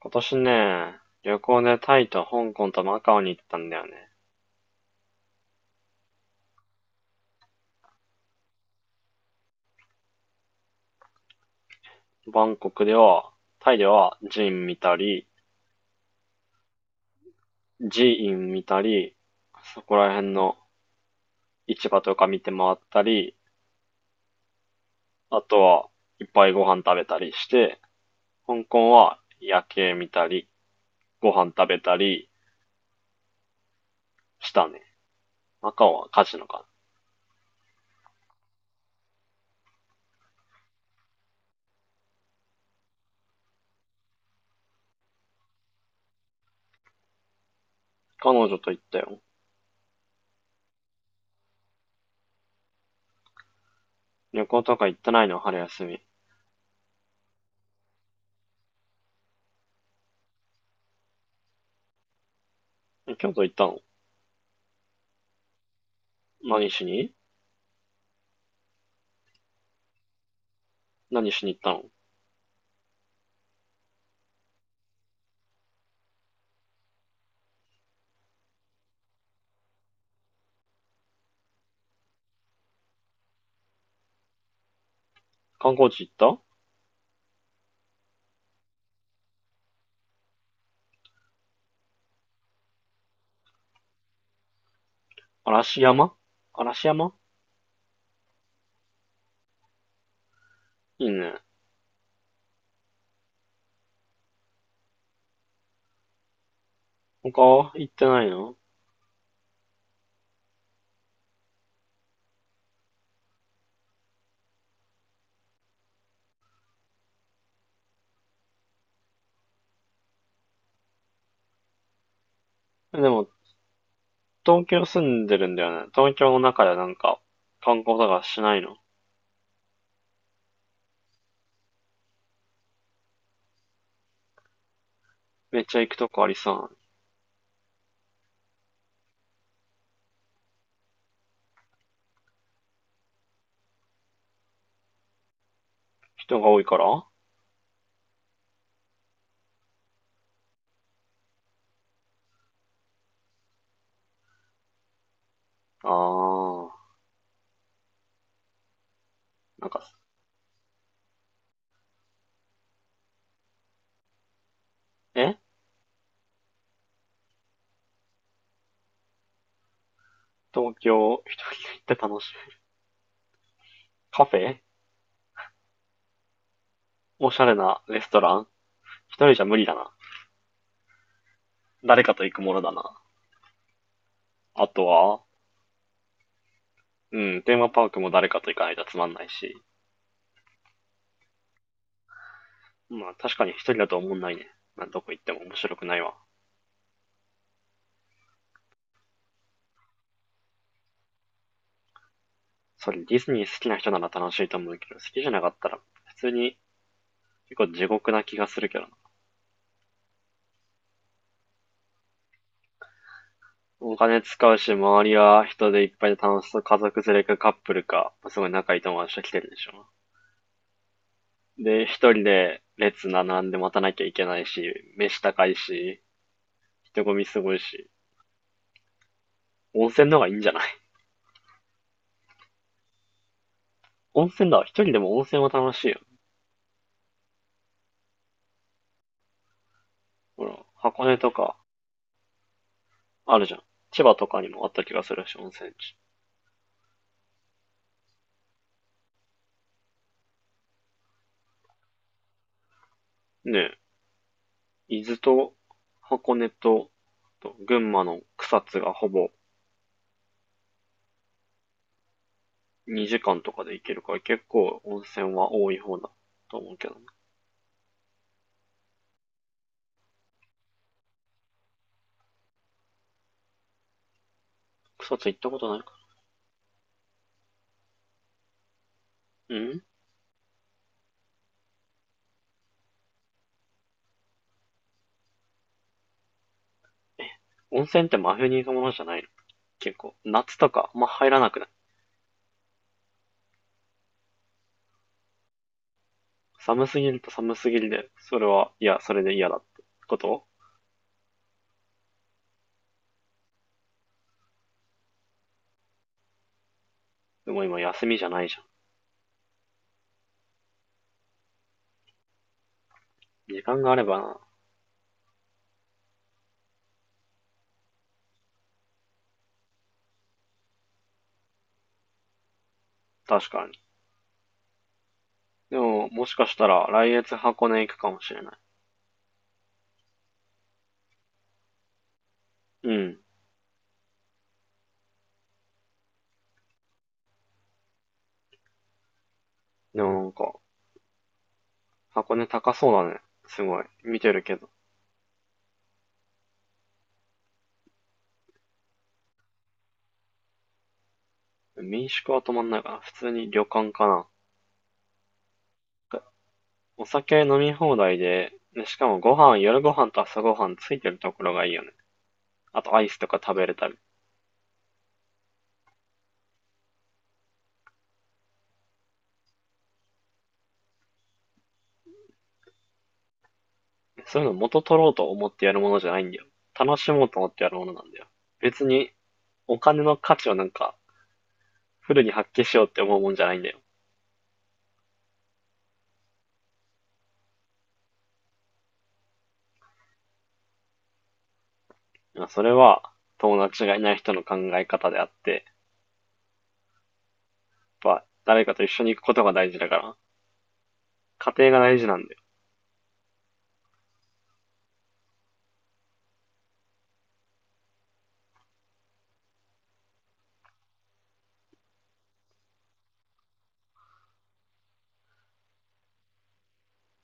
今年ね、旅行でタイと香港とマカオに行ったんだよね。バンコクでは、タイでは寺院見たり、寺院見たり、そこら辺の市場とか見て回ったり、あとはいっぱいご飯食べたりして、香港は夜景見たり、ご飯食べたりしたね。マカオはカジノかな。彼女と行ったよ。旅行とか行ってないの？春休み。今京都行ったの？何しに？行ったの？観光地行った？嵐山。嵐山いいね。他は行ってないの？でも、東京住んでるんだよね。東京の中でなんか、観光とかしないの？めっちゃ行くとこありそうなの。人が多いからあー。なんか、え東京行って楽しい？カフェ、おしゃれなレストラン、一人じゃ無理だな。誰かと行くものだな。あとは、うん、テーマパークも誰かと行かないとつまんないし。まあ確かに一人だと思んないね。まあどこ行っても面白くないわ。それディズニー好きな人なら楽しいと思うけど、好きじゃなかったら、普通に結構地獄な気がするけどな。お金使うし、周りは人でいっぱいで楽しそう。家族連れかカップルか、すごい仲いい友達と来てるでしょ。で、一人で列並んで待たなきゃいけないし、飯高いし、人混みすごいし、温泉の方がいいんじゃない？温泉だわ。一人でも温泉は楽しいよ。ほら、箱根とかあるじゃん。千葉とかにもあった気がするし、温泉地。ねえ。伊豆と箱根と、群馬の草津がほぼ2時間とかで行けるから結構温泉は多い方だと思うけどね。草津行ったことないかな。うん。え、温泉って真冬に行くものじゃないの？結構、夏とかまあ入らなくない？寒すぎると寒すぎるで、それは、いや、それで嫌だってこと？でも今休みじゃないじゃん。時間があればな。確かに。でも、もしかしたら来月箱根行くかもしれない。うん。でもなんか、箱根高そうだね。すごい。見てるけど。民宿は泊まんないかな。普通に旅館かな。お酒飲み放題で、でしかもご飯、夜ご飯と朝ご飯ついてるところがいいよね。あとアイスとか食べれたり。そういうの元取ろうと思ってやるものじゃないんだよ。楽しもうと思ってやるものなんだよ。別にお金の価値をなんかフルに発揮しようって思うもんじゃないんだよ。それは友達がいない人の考え方であって、やっぱ誰かと一緒に行くことが大事だから、家庭が大事なんだよ。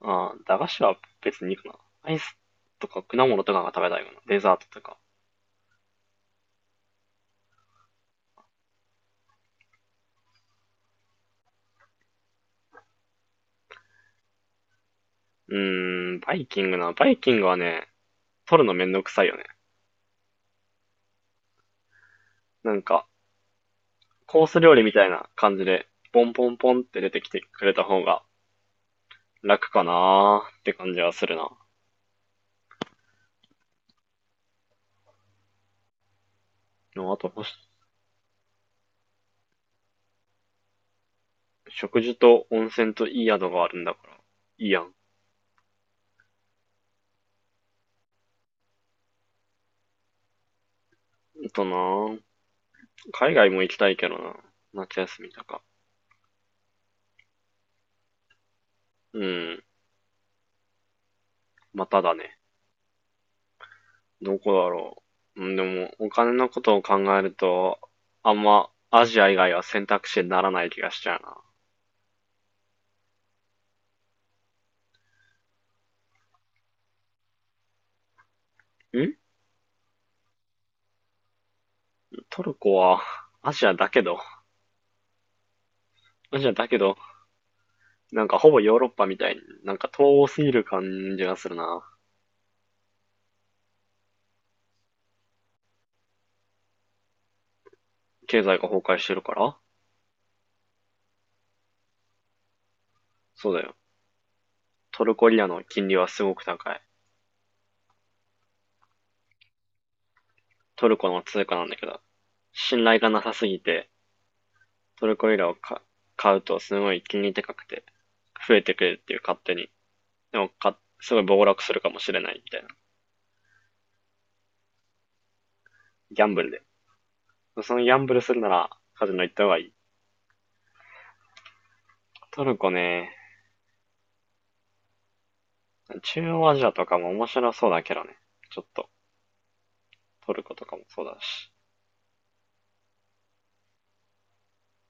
ああ、駄菓子は別にいいかな。アイスとか果物とかが食べたいかな。デザートとか。うーん、バイキングな。バイキングはね、取るのめんどくさいよね。なんか、コース料理みたいな感じで、ポンポンポンって出てきてくれた方が楽かなーって感じはするな。あと、食事と温泉といい宿があるんだから、いいやん。あとなー、海外も行きたいけどな。夏休みとか。うん、まただね。どこだろう。うん、でも、お金のことを考えると、あんま、アジア以外は選択肢にならない気がしちゃうな。んトルコは、アジアだけど、アジアだけど、なんかほぼヨーロッパみたいに、なんか遠すぎる感じがするな。経済が崩壊してるから。そうだよ。トルコリアの金利はすごく高い。トルコの通貨なんだけど、信頼がなさすぎて、トルコリラを買うとすごい金利高くて、増えてくれるっていう勝手に。でもか、すごい暴落するかもしれないみたいな。ギャンブルで。そのギャンブルするならカジノ行った方がいい。トルコね、中央アジアとかも面白そうだけどね。ちょっと、トルコとかもそうだし。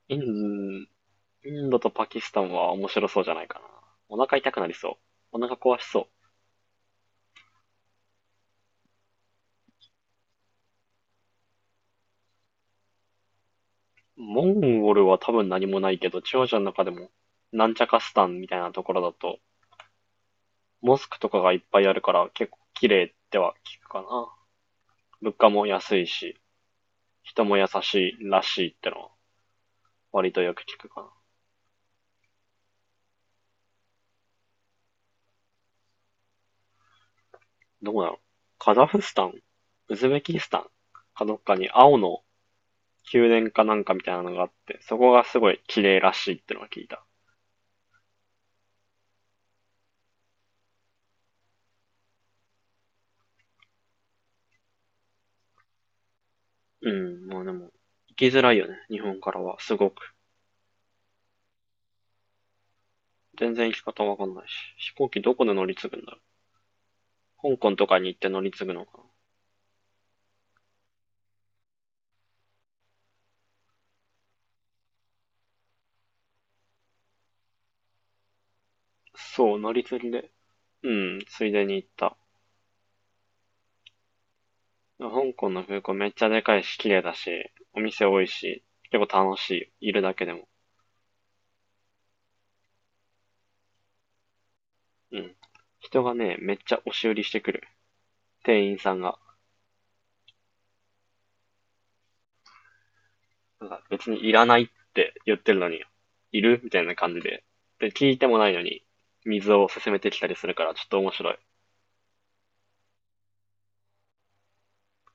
イン、インドとパキスタンは面白そうじゃないかな。お腹痛くなりそう。お腹壊しそう。モンゴルは多分何もないけど、中央アジアの中でも、なんちゃかスタンみたいなところだと、モスクとかがいっぱいあるから結構綺麗っては聞くかな。物価も安いし、人も優しいらしいってのは割とよく聞くかな。どこだろう。カザフスタン、ウズベキスタンかどっかに青の宮殿かなんかみたいなのがあって、そこがすごい綺麗らしいってのは聞いた。うん、まあでも、行きづらいよね、日本からは、すごく。全然行き方わかんないし。飛行機どこで乗り継ぐんだろう。香港とかに行って乗り継ぐのかな。そう、乗り継ぎで。うん、ついでに行った。香港の空港めっちゃでかいし、綺麗だし、お店多いし、結構楽しいいるだけでも。うん。人がね、めっちゃ押し売りしてくる。店員さんが。なんか別にいらないって言ってるのに、いるみたいな感じで。で、聞いてもないのに、水を勧めてきたりするから、ちょっと面白い。